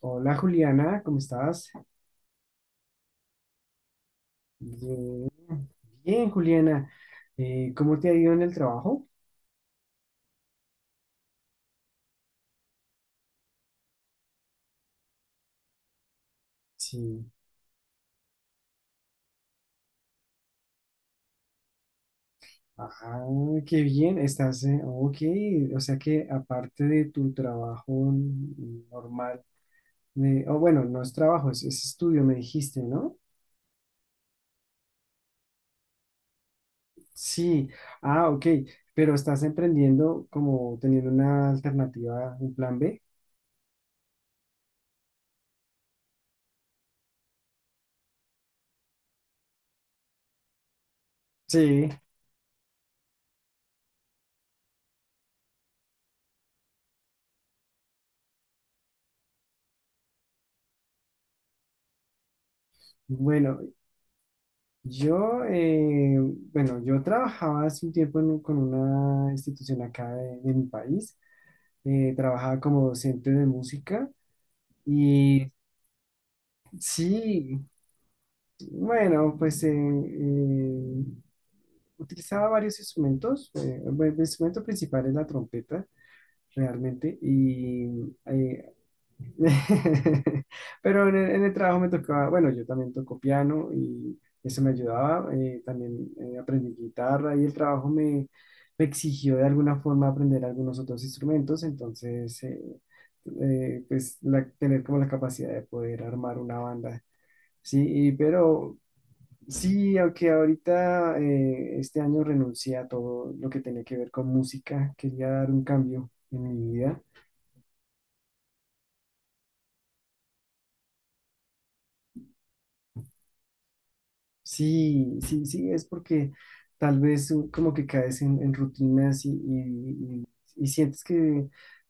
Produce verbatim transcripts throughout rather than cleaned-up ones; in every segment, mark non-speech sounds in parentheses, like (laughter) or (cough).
Hola Juliana, ¿cómo estás? Bien, bien, Juliana. Eh, ¿cómo te ha ido en el trabajo? Sí. Ah, qué bien, estás, eh, ok, o sea que aparte de tu trabajo normal, eh, o bueno, no es trabajo, es, es estudio, me dijiste, ¿no? Sí, ah, ok, pero estás emprendiendo como teniendo una alternativa, un plan B. Sí, bueno, Yo, eh, bueno, yo trabajaba hace un tiempo en- con una institución acá de, de mi país, eh, trabajaba como docente de música y sí, bueno, pues eh, eh, utilizaba varios instrumentos, eh, bueno, el instrumento principal es la trompeta, realmente, y eh, (laughs) Pero en el, en el trabajo me tocaba, bueno, yo también toco piano y eso me ayudaba, eh, también eh, aprendí guitarra y el trabajo me, me exigió de alguna forma aprender algunos otros instrumentos, entonces, eh, eh, pues la- tener como la capacidad de poder armar una banda, sí, y- pero sí, aunque ahorita eh, este año renuncié a todo lo que tenía que ver con música, quería dar un cambio en mi vida. Sí, sí, sí, es porque tal vez uh, como que caes en, en rutinas y, y- y- y sientes que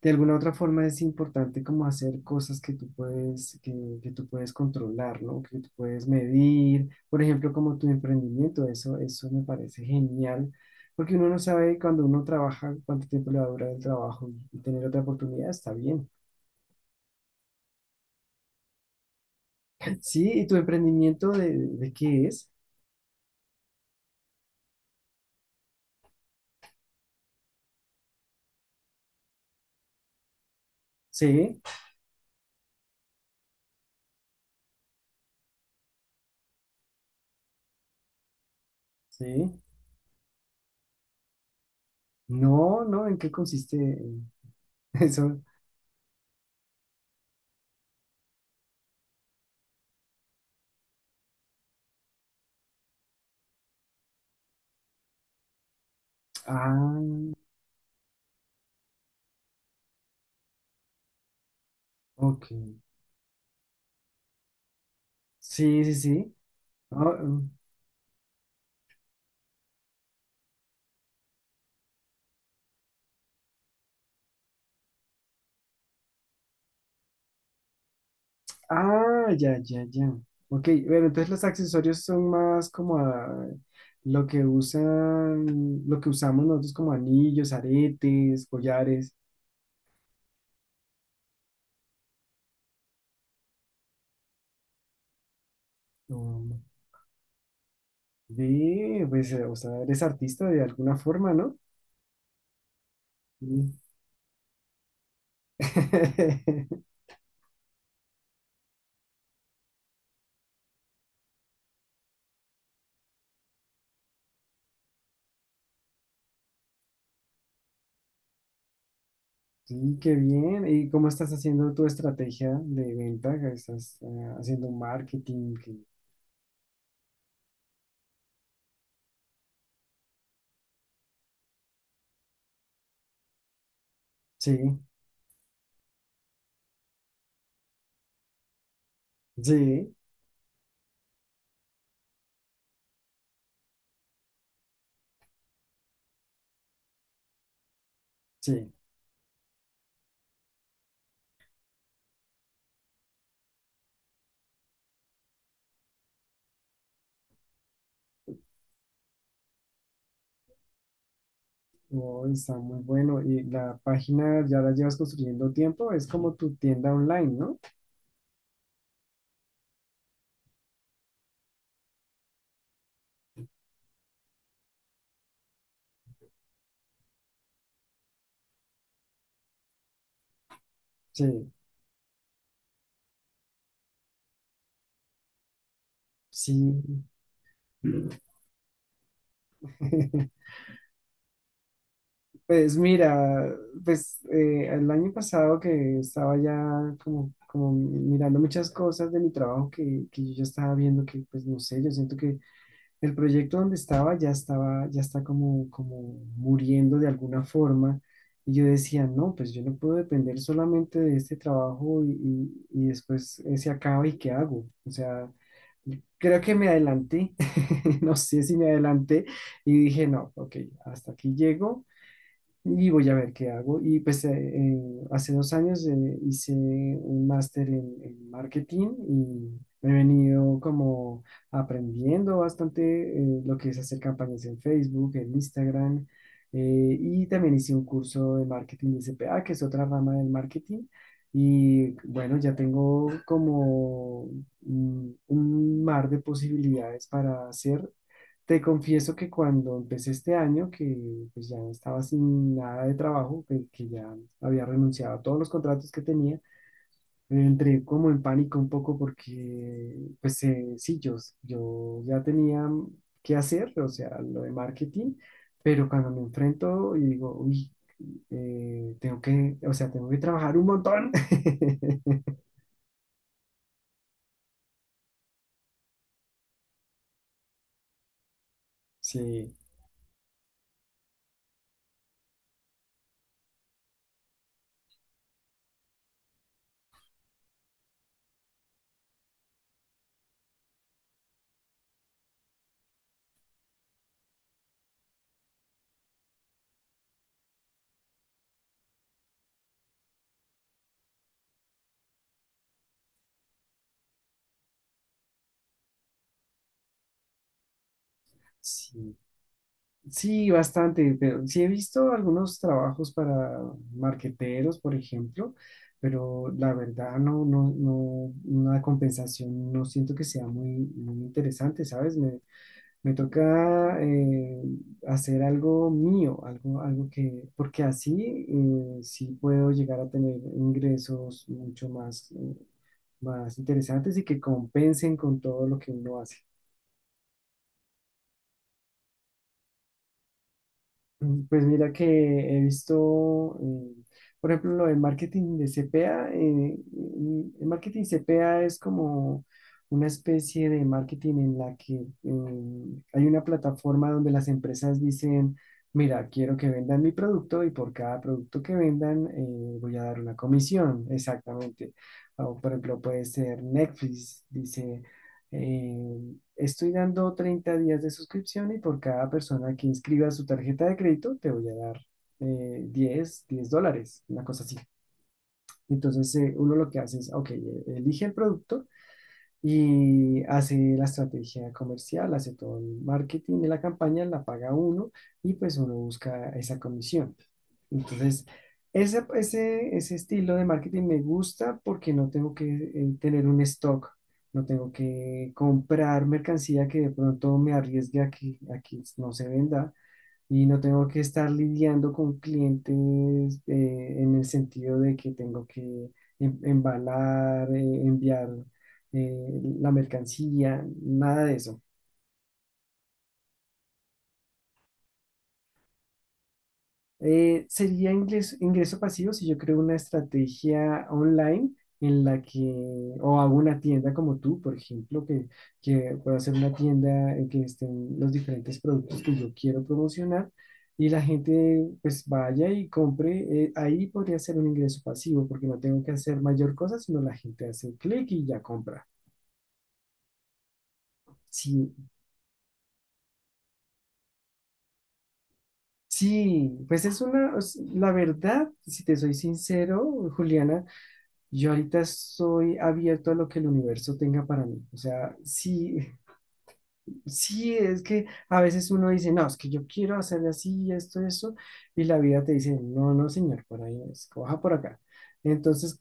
de alguna u otra forma es importante como hacer cosas que tú puedes, que, que tú puedes controlar, ¿no? Que tú puedes medir, por ejemplo, como tu emprendimiento, eso, eso me parece genial, porque uno no sabe cuando uno trabaja cuánto tiempo le va a durar el trabajo y, y tener otra oportunidad está bien. (clears throat) Sí, ¿y tu emprendimiento de, de qué es? Sí, sí. No, no, ¿en qué consiste? (laughs) Eso. Ah, ok. Sí, sí, sí. Ah, mm. Ah, ya, ya, ya. Ok, bueno, entonces los accesorios son más como ah, lo que usan, lo que usamos nosotros como anillos, aretes, collares. Mm. Ve, pues, eh, o sea, eres artista de alguna forma, ¿no? Sí. (laughs) Sí, qué bien. ¿Y cómo estás haciendo tu estrategia de venta? ¿Estás eh, haciendo un marketing? que- Sí, sí, sí. Oh, está muy bueno. Y la página ya la llevas construyendo tiempo, es como tu tienda online, ¿no? Sí, sí. (laughs) Pues mira, pues eh, el año pasado que estaba ya como, como mirando muchas cosas de mi trabajo que, que yo ya estaba viendo que, pues no sé, yo siento que el proyecto donde estaba ya estaba, ya está como, como muriendo de alguna forma. Y yo decía, no, pues yo no puedo depender solamente de este trabajo y, y- y después eh, se acaba y ¿qué hago? O sea, creo que me adelanté, (laughs) no sé si me adelanté y dije, no, ok, hasta aquí llego y voy a ver qué hago. Y pues eh, eh, hace dos años eh, hice un máster en, en marketing y he venido como aprendiendo bastante eh, lo que es hacer campañas en Facebook, en Instagram. Eh, y también hice un curso de marketing de C P A, que es otra rama del marketing. Y bueno, ya tengo como mm, un mar de posibilidades para hacer. Te confieso que cuando empecé este año, que pues ya estaba sin nada de trabajo, que, que ya había renunciado a todos los contratos que tenía, eh, entré como en pánico un poco porque, pues eh, sí, yo, yo ya tenía que hacer, o sea, lo de marketing, pero cuando me enfrento y digo, uy, eh, tengo que, o sea, tengo que trabajar un montón. (laughs) Sí, sí. Sí, bastante, pero sí he visto algunos trabajos para marqueteros, por ejemplo, pero la verdad no, no, no, una compensación no siento que sea muy, muy interesante, ¿sabes? Me, me toca eh, hacer algo mío, algo, algo que, porque así eh, sí puedo llegar a tener ingresos mucho más, eh, más interesantes y que compensen con todo lo que uno hace. Mm, Pues mira que he visto, eh, por ejemplo, lo del marketing de C P A. Eh, mm, el marketing C P A es como una especie de marketing en la que eh, hay una plataforma donde las empresas dicen, mira, quiero que vendan mi producto y por cada producto que vendan eh, voy a dar una comisión, exactamente. O, por ejemplo, puede ser Netflix, dice... eh, Estoy dando treinta días de suscripción y por cada persona que inscriba su tarjeta de crédito te voy a dar eh, diez 10 dólares, una cosa así. Entonces eh, uno lo que hace es, ok, eh, elige el producto y hace la estrategia comercial, hace todo el marketing de la campaña, la paga uno y pues uno busca esa comisión. Entonces, ese, ese, ese estilo de marketing me gusta porque no tengo que eh, tener un stock, no tengo que comprar mercancía que de pronto me arriesgue a que, a que no se venda y no tengo que estar lidiando con clientes eh, en el sentido de que tengo que em- embalar, eh, enviar eh, la mercancía, nada de eso. Eh, sería ingreso, ingreso pasivo si yo creo una estrategia online en la que, o hago una tienda como tú, por ejemplo, que, que pueda hacer una tienda en que estén los diferentes productos que yo quiero promocionar y la gente pues vaya y compre. Eh, ahí podría ser un ingreso pasivo porque no tengo que hacer mayor cosa, sino la gente hace clic y ya compra. Sí, sí, pues es una, es- la verdad, si te soy sincero, Juliana. Yo ahorita estoy abierto a lo que el universo tenga para mí. O sea, sí, sí, es que a veces uno dice, no, es que yo quiero hacer así, esto, eso, y la vida te dice, no, no, señor, por ahí no es, coja por acá. Entonces,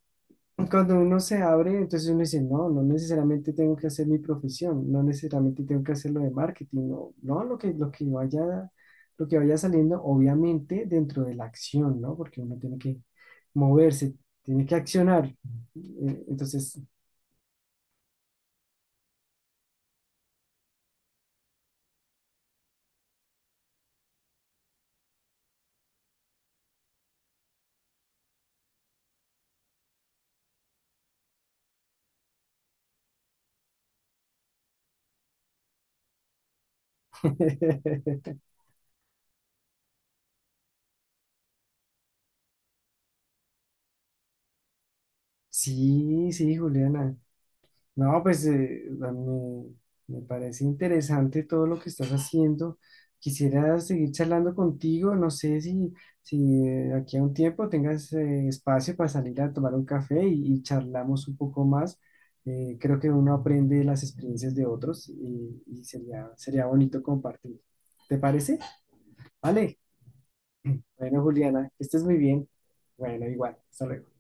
cuando uno se abre, entonces uno dice, no, no necesariamente tengo que hacer mi profesión, no necesariamente tengo que hacer lo de marketing, no, no, lo que, lo que vaya, lo que vaya saliendo, obviamente dentro de la acción, ¿no? Porque uno tiene que moverse, tiene que accionar. Eh, Entonces, (laughs) sí, sí, Juliana. No, pues eh, a mí me parece interesante todo lo que estás haciendo. Quisiera seguir charlando contigo. No sé si, si eh, aquí a un tiempo tengas eh, espacio para salir a tomar un café y, y charlamos un poco más. Eh, creo que uno aprende de las experiencias de otros y, y sería, sería bonito compartir. ¿Te parece? Vale. Bueno, Juliana, que estés muy bien. Bueno, igual. Hasta luego.